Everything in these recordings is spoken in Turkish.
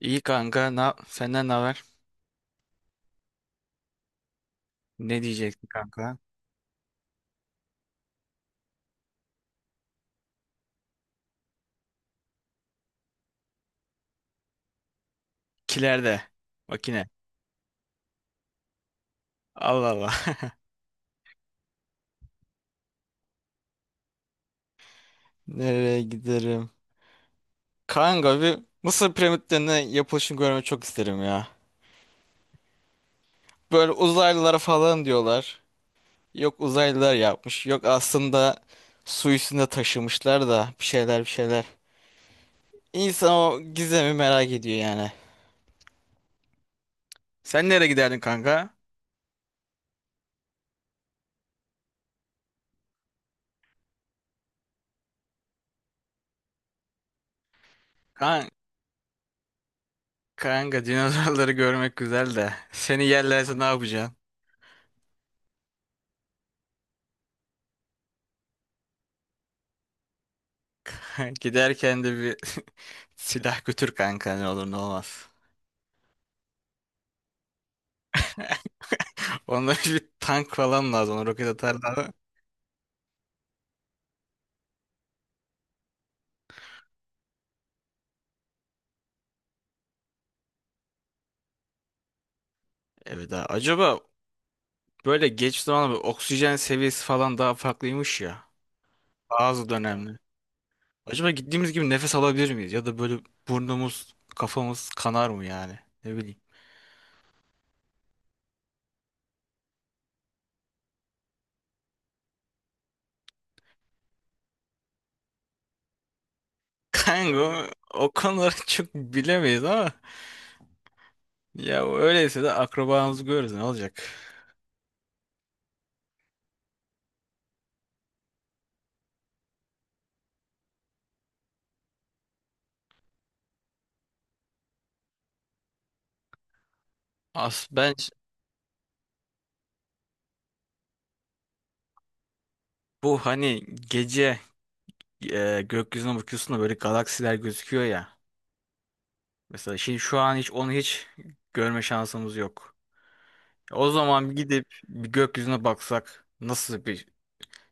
İyi kanka. Na senden ne haber? Ne diyecektin kanka? Kilerde. Makine. Allah Allah. Nereye giderim? Kanka bir Mısır piramitlerinin yapılışını görmeyi çok isterim ya. Böyle uzaylılara falan diyorlar. Yok uzaylılar yapmış. Yok aslında su üstünde taşımışlar da bir şeyler bir şeyler. İnsan o gizemi merak ediyor yani. Sen nereye giderdin kanka? Kan kanka dinozorları görmek güzel de. Seni yerlerse ne yapacaksın? Giderken de bir silah götür kanka ne olur ne olmaz. Onda bir tank falan lazım. Ona roket atarlar. Evet ha. Acaba böyle geç zamanla bir oksijen seviyesi falan daha farklıymış ya. Bazı dönemde. Acaba gittiğimiz gibi nefes alabilir miyiz? Ya da böyle burnumuz, kafamız kanar mı yani? Ne bileyim. Kanka o konuları çok bilemeyiz ama ya öyleyse de akrabamızı görürüz ne olacak? As ben bu hani gece gökyüzüne bakıyorsun da böyle galaksiler gözüküyor ya. Mesela şimdi şu an hiç onu hiç görme şansımız yok. O zaman gidip bir gökyüzüne baksak nasıl bir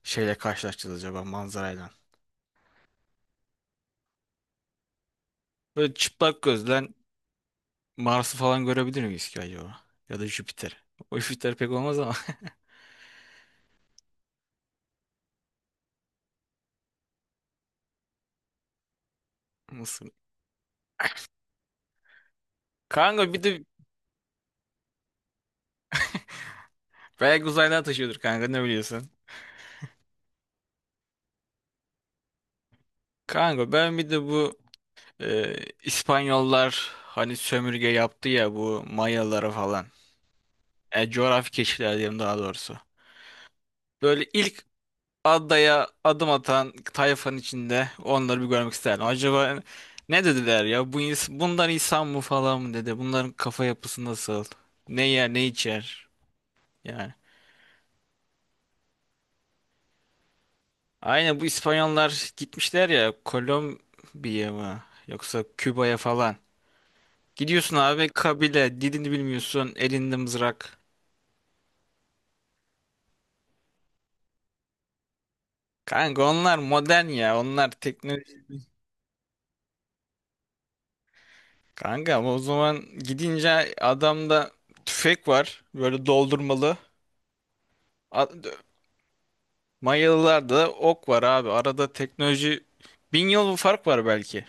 şeyle karşılaşacağız acaba manzarayla? Böyle çıplak gözden Mars'ı falan görebilir miyiz ki acaba? Ya da Jüpiter. O Jüpiter pek olmaz ama. Nasıl? Kanka bir de belki uzaydan taşıyordur kanka ne biliyorsun? Kanka ben bir de bu e, İspanyollar hani sömürge yaptı ya bu Mayalara falan. Coğrafi keşifler diyelim daha doğrusu. Böyle ilk adaya adım atan tayfanın içinde onları bir görmek isterdim. Acaba ne dediler ya? Bu bunlar insan mı falan mı dedi? Bunların kafa yapısı nasıl? Ne yer, ne içer? Yani. Aynen bu İspanyollar gitmişler ya Kolombiya mı? Yoksa Küba'ya falan. Gidiyorsun abi kabile dilini bilmiyorsun elinde mızrak. Kanka onlar modern ya. Onlar Kanka ama o zaman gidince adamda tüfek var. Böyle doldurmalı. A- Mayalılarda da ok var abi. Arada teknoloji bin yıl bir fark var belki.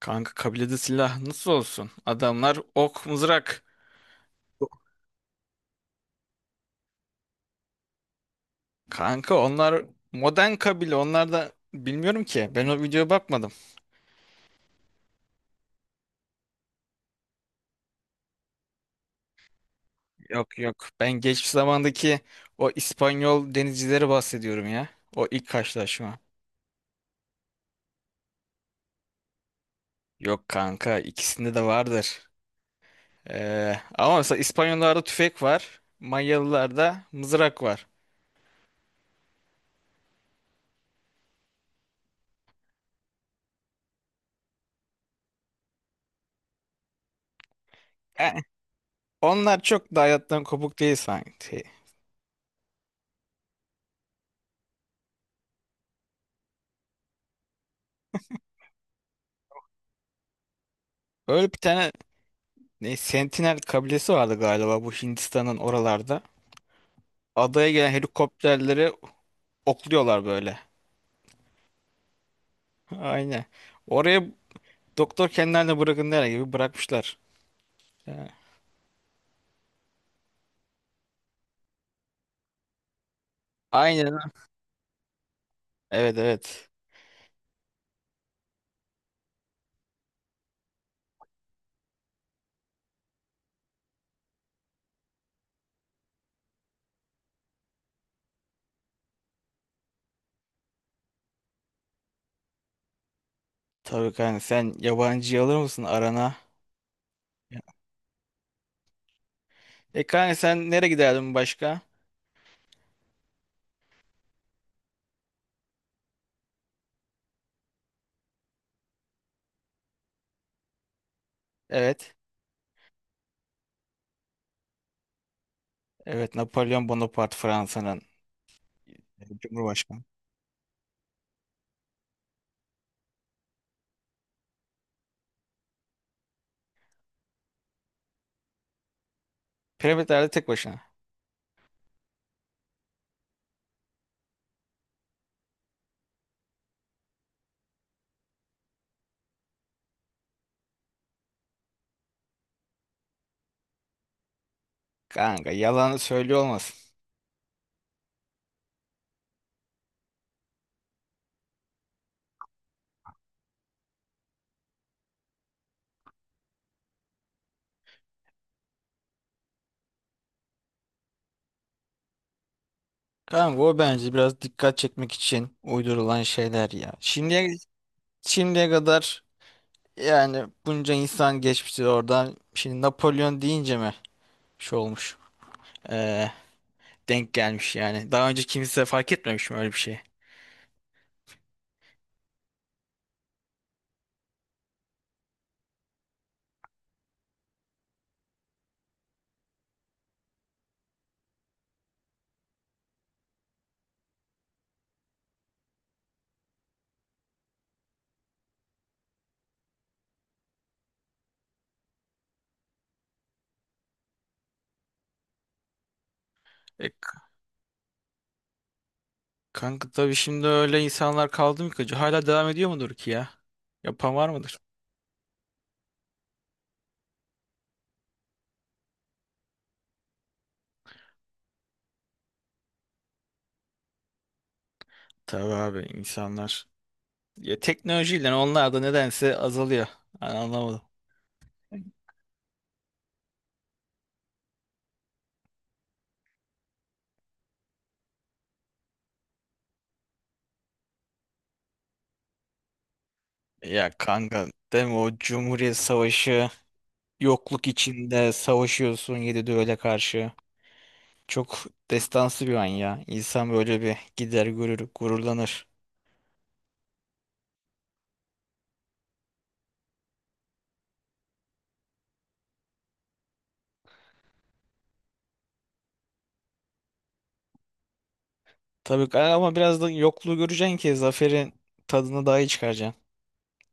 Kanka kabilede silah nasıl olsun? Adamlar ok mızrak. Kanka onlar modern kabile. Onlar da bilmiyorum ki. Ben o videoya bakmadım. Yok yok. Ben geçmiş zamandaki o İspanyol denizcileri bahsediyorum ya. O ilk karşılaşma. Yok kanka ikisinde de vardır. Ama mesela İspanyollarda tüfek var. Manyalılarda mızrak var. Yani onlar çok da hayattan kopuk değil sanki. Öyle bir tane Sentinel kabilesi vardı galiba bu Hindistan'ın oralarda. Adaya gelen helikopterleri okluyorlar böyle. Aynen. Oraya doktor kendilerine bırakın der gibi bırakmışlar. Yani Aynen. Evet evet. Tabii kanka sen yabancıyı alır mısın arana? Ya. E kanka sen nereye giderdin başka? Evet. Evet Napolyon Bonaparte Fransa'nın cumhurbaşkanı. Piramitlerde tek başına. Kanka yalanı söylüyor olmasın. Kanka o bence biraz dikkat çekmek için uydurulan şeyler ya. Şimdiye kadar yani bunca insan geçmişti oradan. Şimdi Napolyon deyince mi şey olmuş? Ee, denk gelmiş yani. Daha önce kimse fark etmemiş mi öyle bir şey? E, k- kanka tabii şimdi öyle insanlar kaldı mı ki? Hala devam ediyor mudur ki ya? Yapan var mıdır? Tabii abi insanlar. Ya teknolojiyle onlar da nedense azalıyor. Ben anlamadım. Ya kanka değil mi o Cumhuriyet Savaşı yokluk içinde savaşıyorsun yedi düvele karşı. Çok destansı bir an ya. İnsan böyle bir gider görür, gururlanır. Ama biraz da yokluğu göreceksin ki zaferin tadını daha iyi çıkaracaksın.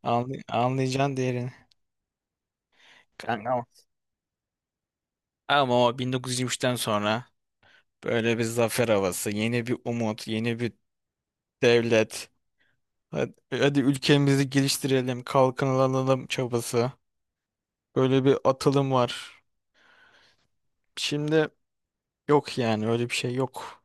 Anlayacaksın değerini. Kanka ama. Ama o 1923'ten sonra böyle bir zafer havası, yeni bir umut, yeni bir devlet. Hadi, hadi ülkemizi geliştirelim, kalkınalım çabası. Böyle bir atılım var. Şimdi yok yani öyle bir şey yok.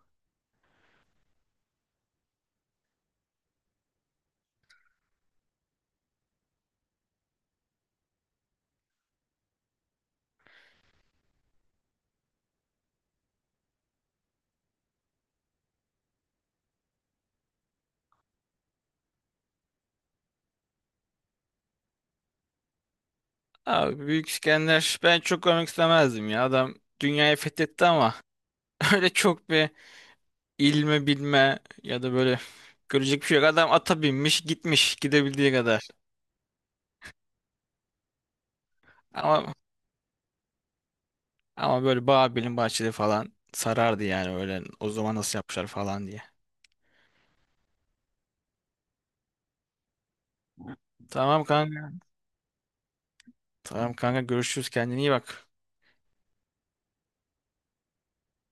Abi Büyük İskender ben çok görmek istemezdim ya. Adam dünyayı fethetti ama öyle çok bir ilme bilme ya da böyle görecek bir şey yok. Adam ata binmiş gitmiş gidebildiği kadar. Ama ama böyle Babil'in bahçeli falan sarardı yani öyle o zaman nasıl yapmışlar falan diye. Tamam kanka. Tamam kanka görüşürüz kendine iyi bak.